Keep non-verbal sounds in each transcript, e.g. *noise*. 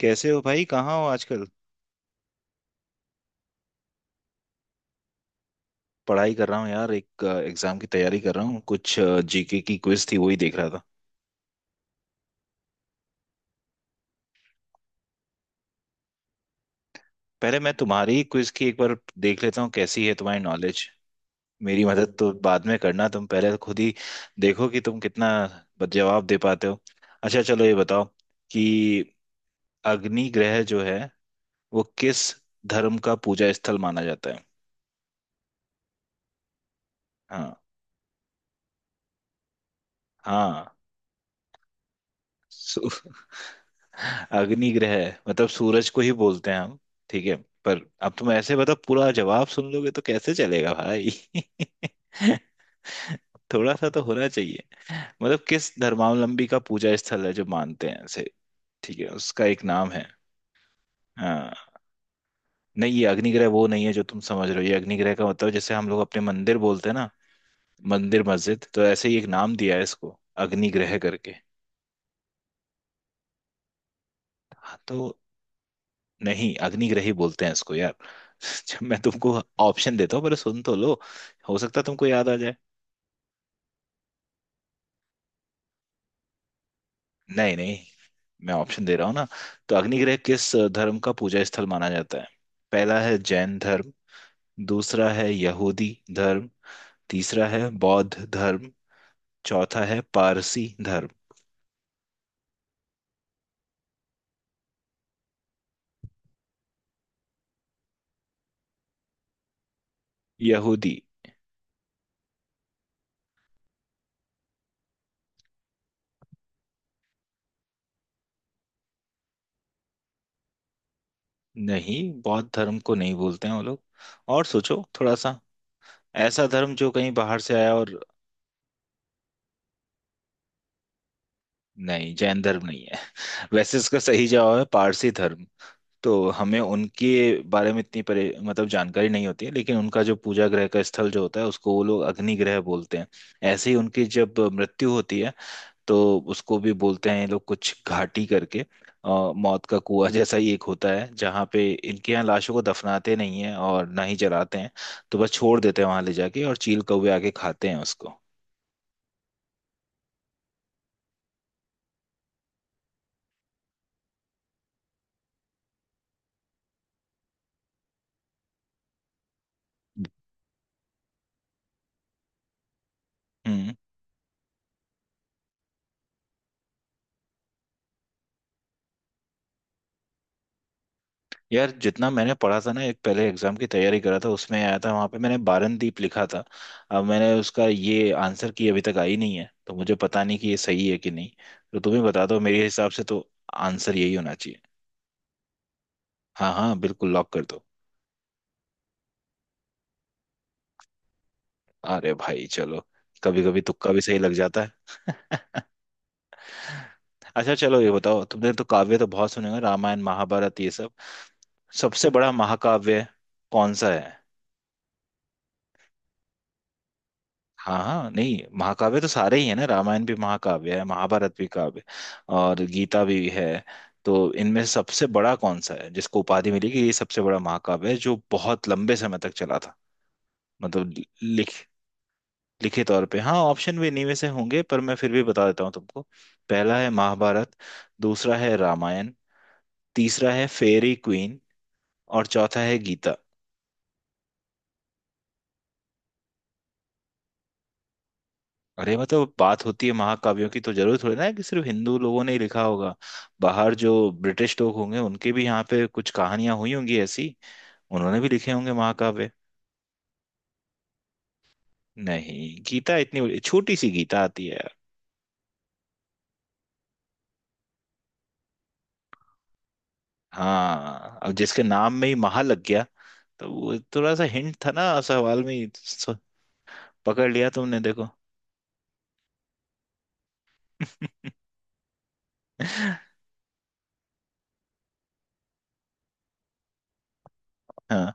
कैसे हो भाई? कहाँ हो आजकल? पढ़ाई कर रहा हूँ यार। एक एग्जाम की तैयारी कर रहा हूँ। कुछ जीके की क्विज थी वही देख रहा था। पहले मैं तुम्हारी क्विज की एक बार देख लेता हूँ कैसी है तुम्हारी नॉलेज। मेरी मदद तो बाद में करना, तुम पहले खुद ही देखो कि तुम कितना जवाब दे पाते हो। अच्छा चलो ये बताओ कि अग्नि ग्रह जो है वो किस धर्म का पूजा स्थल माना जाता है? हाँ। हाँ, अग्निग्रह मतलब सूरज को ही बोलते हैं हम? ठीक है। पर अब तुम ऐसे बताओ, पूरा जवाब सुन लोगे तो कैसे चलेगा भाई? *laughs* थोड़ा सा तो होना चाहिए। मतलब किस धर्मावलंबी का पूजा स्थल है जो मानते हैं ऐसे। ठीक है, उसका एक नाम है। हाँ। नहीं, ये अग्निग्रह वो नहीं है जो तुम समझ रहे हो। ये अग्निग्रह का मतलब, जैसे हम लोग अपने मंदिर बोलते हैं ना, मंदिर मस्जिद, तो ऐसे ही एक नाम दिया है इसको अग्निग्रह करके। हाँ तो। नहीं, अग्निग्रह ही बोलते हैं इसको यार। *laughs* जब मैं तुमको ऑप्शन देता हूँ पहले सुन तो लो। हो सकता है तुमको याद आ जाए। नहीं नहीं, मैं ऑप्शन दे रहा हूँ ना। तो अग्निग्रह किस धर्म का पूजा स्थल माना जाता है? पहला है जैन धर्म। दूसरा है यहूदी धर्म। तीसरा है बौद्ध धर्म। चौथा है पारसी धर्म। यहूदी? नहीं, बौद्ध धर्म को नहीं बोलते हैं वो लोग। और सोचो थोड़ा सा, ऐसा धर्म जो कहीं बाहर से आया, और। नहीं, जैन धर्म नहीं है। *laughs* वैसे इसका सही जवाब है पारसी धर्म। तो हमें उनके बारे में इतनी परे मतलब जानकारी नहीं होती है, लेकिन उनका जो पूजा ग्रह का स्थल जो होता है उसको वो लोग अग्नि ग्रह बोलते हैं। ऐसे ही उनकी जब मृत्यु होती है, तो उसको भी बोलते हैं ये लोग कुछ घाटी करके। मौत का कुआं जैसा ही एक होता है जहाँ पे इनके यहाँ लाशों को दफनाते नहीं है और ना ही जलाते हैं। तो बस छोड़ देते हैं वहां ले जाके, और चील कौवे आके खाते हैं उसको। हम्म। यार जितना मैंने पढ़ा था ना, एक पहले एग्जाम की तैयारी करा था उसमें आया था, वहां पे मैंने बारनदीप लिखा था। अब मैंने उसका ये आंसर की अभी तक आई नहीं है, तो मुझे पता नहीं कि ये सही है कि नहीं। तो तुम ही बता दो, मेरे हिसाब से तो आंसर यही होना चाहिए। हाँ हाँ, बिल्कुल लॉक कर दो। अरे भाई चलो, कभी कभी तुक्का भी सही लग जाता है। *laughs* अच्छा चलो ये बताओ, तुमने तो काव्य तो बहुत सुने होंगे, रामायण महाभारत ये सब। सबसे बड़ा महाकाव्य कौन सा है? हाँ हाँ, नहीं, महाकाव्य तो सारे ही है ना। रामायण भी महाकाव्य है, महाभारत भी काव्य, और गीता भी है। तो इनमें सबसे बड़ा कौन सा है जिसको उपाधि मिली कि ये सबसे बड़ा महाकाव्य है जो बहुत लंबे समय तक चला था, मतलब लि- लिख लिखे तौर पे। हाँ, ऑप्शन भी इन्हीं में से होंगे, पर मैं फिर भी बता देता हूँ तुमको। पहला है महाभारत। दूसरा है रामायण। तीसरा है फेरी क्वीन। और चौथा है गीता। अरे मतलब बात होती है महाकाव्यों की, तो जरूर थोड़ी ना है कि सिर्फ हिंदू लोगों ने ही लिखा होगा। बाहर जो ब्रिटिश लोग होंगे उनके भी यहाँ पे कुछ कहानियां हुई होंगी ऐसी, उन्होंने भी लिखे होंगे महाकाव्य। नहीं, गीता इतनी छोटी सी गीता आती है यार। हाँ, अब जिसके नाम में ही महा लग गया, तो वो थोड़ा सा हिंट था ना सवाल में ही, पकड़ लिया तुमने देखो। *laughs* हाँ।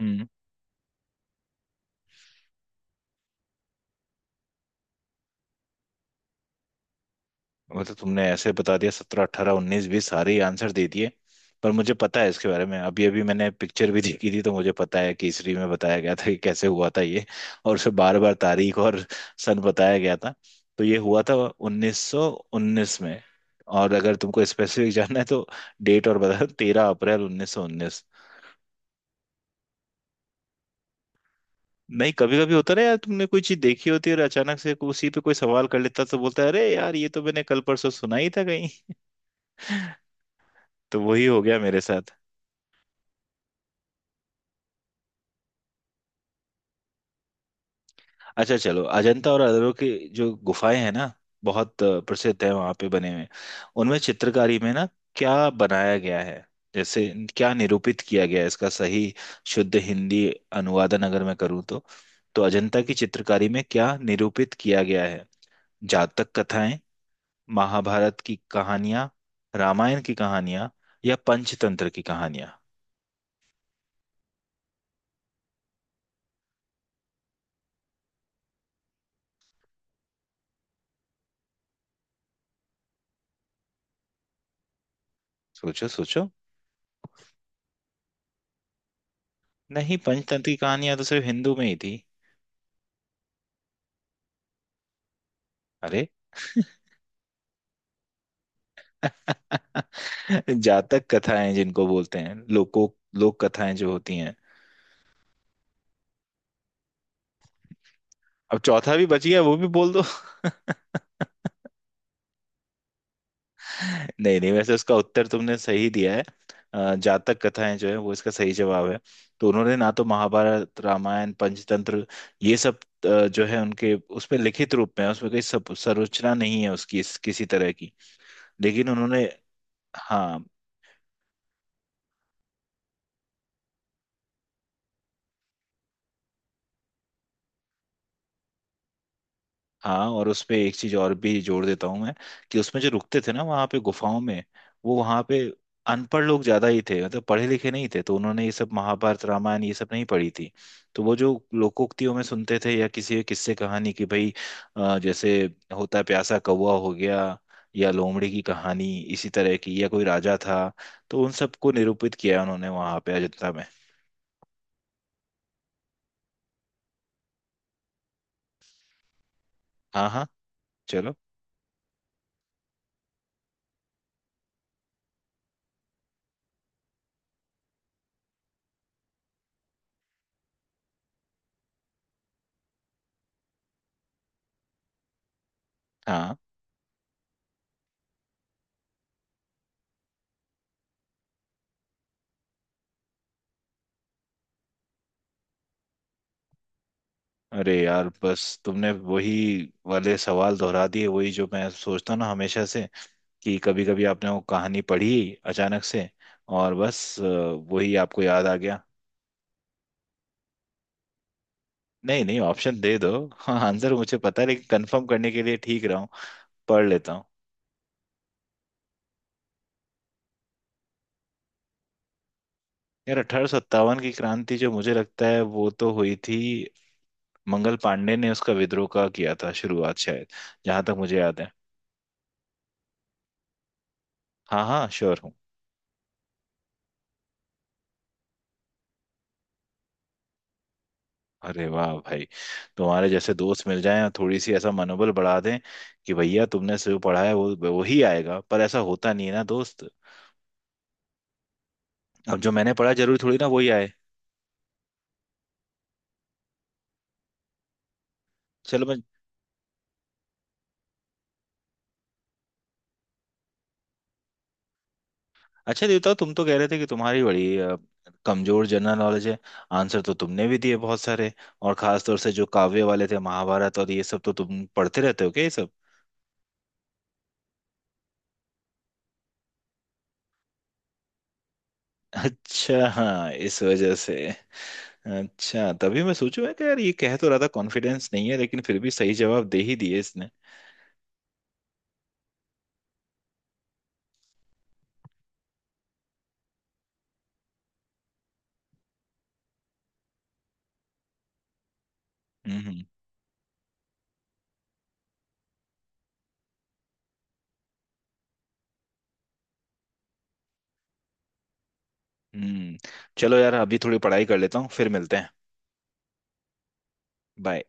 हम्म। वो तो तुमने ऐसे बता दिया सत्रह अट्ठारह उन्नीस बीस, सारे ही आंसर दे दिए। पर मुझे पता है इसके बारे में, अभी अभी मैंने पिक्चर भी देखी थी, तो मुझे पता है केसरी में बताया गया था कि कैसे हुआ था ये। और उसे बार बार तारीख और सन बताया गया था। तो ये हुआ था 1919 में। और अगर तुमको स्पेसिफिक जानना है तो डेट और बता, तेरह अप्रैल 1919। नहीं, कभी कभी होता ना यार, तुमने कोई चीज देखी होती है और अचानक से उसी पे कोई सवाल कर लेता तो बोलता है, अरे यार ये तो मैंने कल परसों सुना ही था कहीं। तो वही हो गया मेरे साथ। अच्छा चलो, अजंता और एलोरा की जो गुफाएं हैं ना, बहुत प्रसिद्ध है वहां पे बने हुए। उनमें चित्रकारी में ना, क्या बनाया गया है, जैसे क्या निरूपित किया गया है, इसका सही शुद्ध हिंदी अनुवादन अगर मैं करूँ तो। तो अजंता की चित्रकारी में क्या निरूपित किया गया है? जातक कथाएं, महाभारत की कहानियां, रामायण की कहानियां, या पंचतंत्र की कहानियां। सोचो सोचो। नहीं, पंचतंत्र की कहानियां तो सिर्फ हिंदू में ही थी। अरे *laughs* जातक कथाएं, जिनको बोलते हैं लोक कथाएं जो होती हैं। अब चौथा भी बच गया, वो भी बोल दो। *laughs* नहीं नहीं, वैसे उसका उत्तर तुमने सही दिया है। जातक कथाएं जो है वो इसका सही जवाब है। तो उन्होंने ना तो महाभारत रामायण पंचतंत्र, ये सब जो है उनके उसमें लिखित रूप में है, उसमें कोई सब संरचना नहीं है उसकी, किसी तरह की। लेकिन उन्होंने। हाँ हाँ, और उसपे एक चीज और भी जोड़ देता हूँ मैं, कि उसमें जो रुकते थे ना वहाँ पे गुफाओं में, वो वहाँ पे अनपढ़ लोग ज्यादा ही थे, मतलब पढ़े लिखे नहीं थे, तो उन्होंने ये सब महाभारत रामायण ये सब नहीं पढ़ी थी। तो वो जो लोकोक्तियों में सुनते थे, या किसी किस्से कहानी की भाई, जैसे होता है प्यासा कौवा हो गया, या लोमड़ी की कहानी, इसी तरह की, या कोई राजा था, तो उन सबको निरूपित किया उन्होंने वहाँ पे अजंता में। हाँ हाँ। चलो। हाँ, अरे यार, बस तुमने वही वाले सवाल दोहरा दिए, वही जो मैं सोचता हूँ ना हमेशा से, कि कभी कभी आपने वो कहानी पढ़ी अचानक से, और बस वही आपको याद आ गया। नहीं नहीं, ऑप्शन दे दो। *laughs* हाँ, आंसर मुझे पता है, लेकिन कंफर्म करने के लिए ठीक रहा हूँ, पढ़ लेता हूँ। यार 1857 की क्रांति, जो मुझे लगता है वो तो हुई थी मंगल पांडे ने, उसका विद्रोह का किया था शुरुआत शायद, जहां तक मुझे याद है। हाँ हाँ, श्योर। अरे वाह भाई, तुम्हारे जैसे दोस्त मिल जाएं और थोड़ी सी ऐसा मनोबल बढ़ा दें कि भैया तुमने जो पढ़ा है वो वही आएगा, पर ऐसा होता नहीं है ना दोस्त। अब जो मैंने पढ़ा जरूरी थोड़ी ना वही आए। चलो मैं। अच्छा देवता, तुम तो कह रहे थे कि तुम्हारी बड़ी कमजोर जनरल नॉलेज है। आंसर तो तुमने भी दिए बहुत सारे, और खास तौर से जो काव्य वाले थे महाभारत और ये सब, तो तुम पढ़ते रहते हो क्या ये सब? अच्छा हाँ, इस वजह से। अच्छा, तभी मैं सोचूं मैं कि यार ये कह तो रहा था कॉन्फिडेंस नहीं है, लेकिन फिर भी सही जवाब दे ही दिए इसने। हम्म। हम्म। चलो यार, अभी थोड़ी पढ़ाई कर लेता हूँ, फिर मिलते हैं। बाय।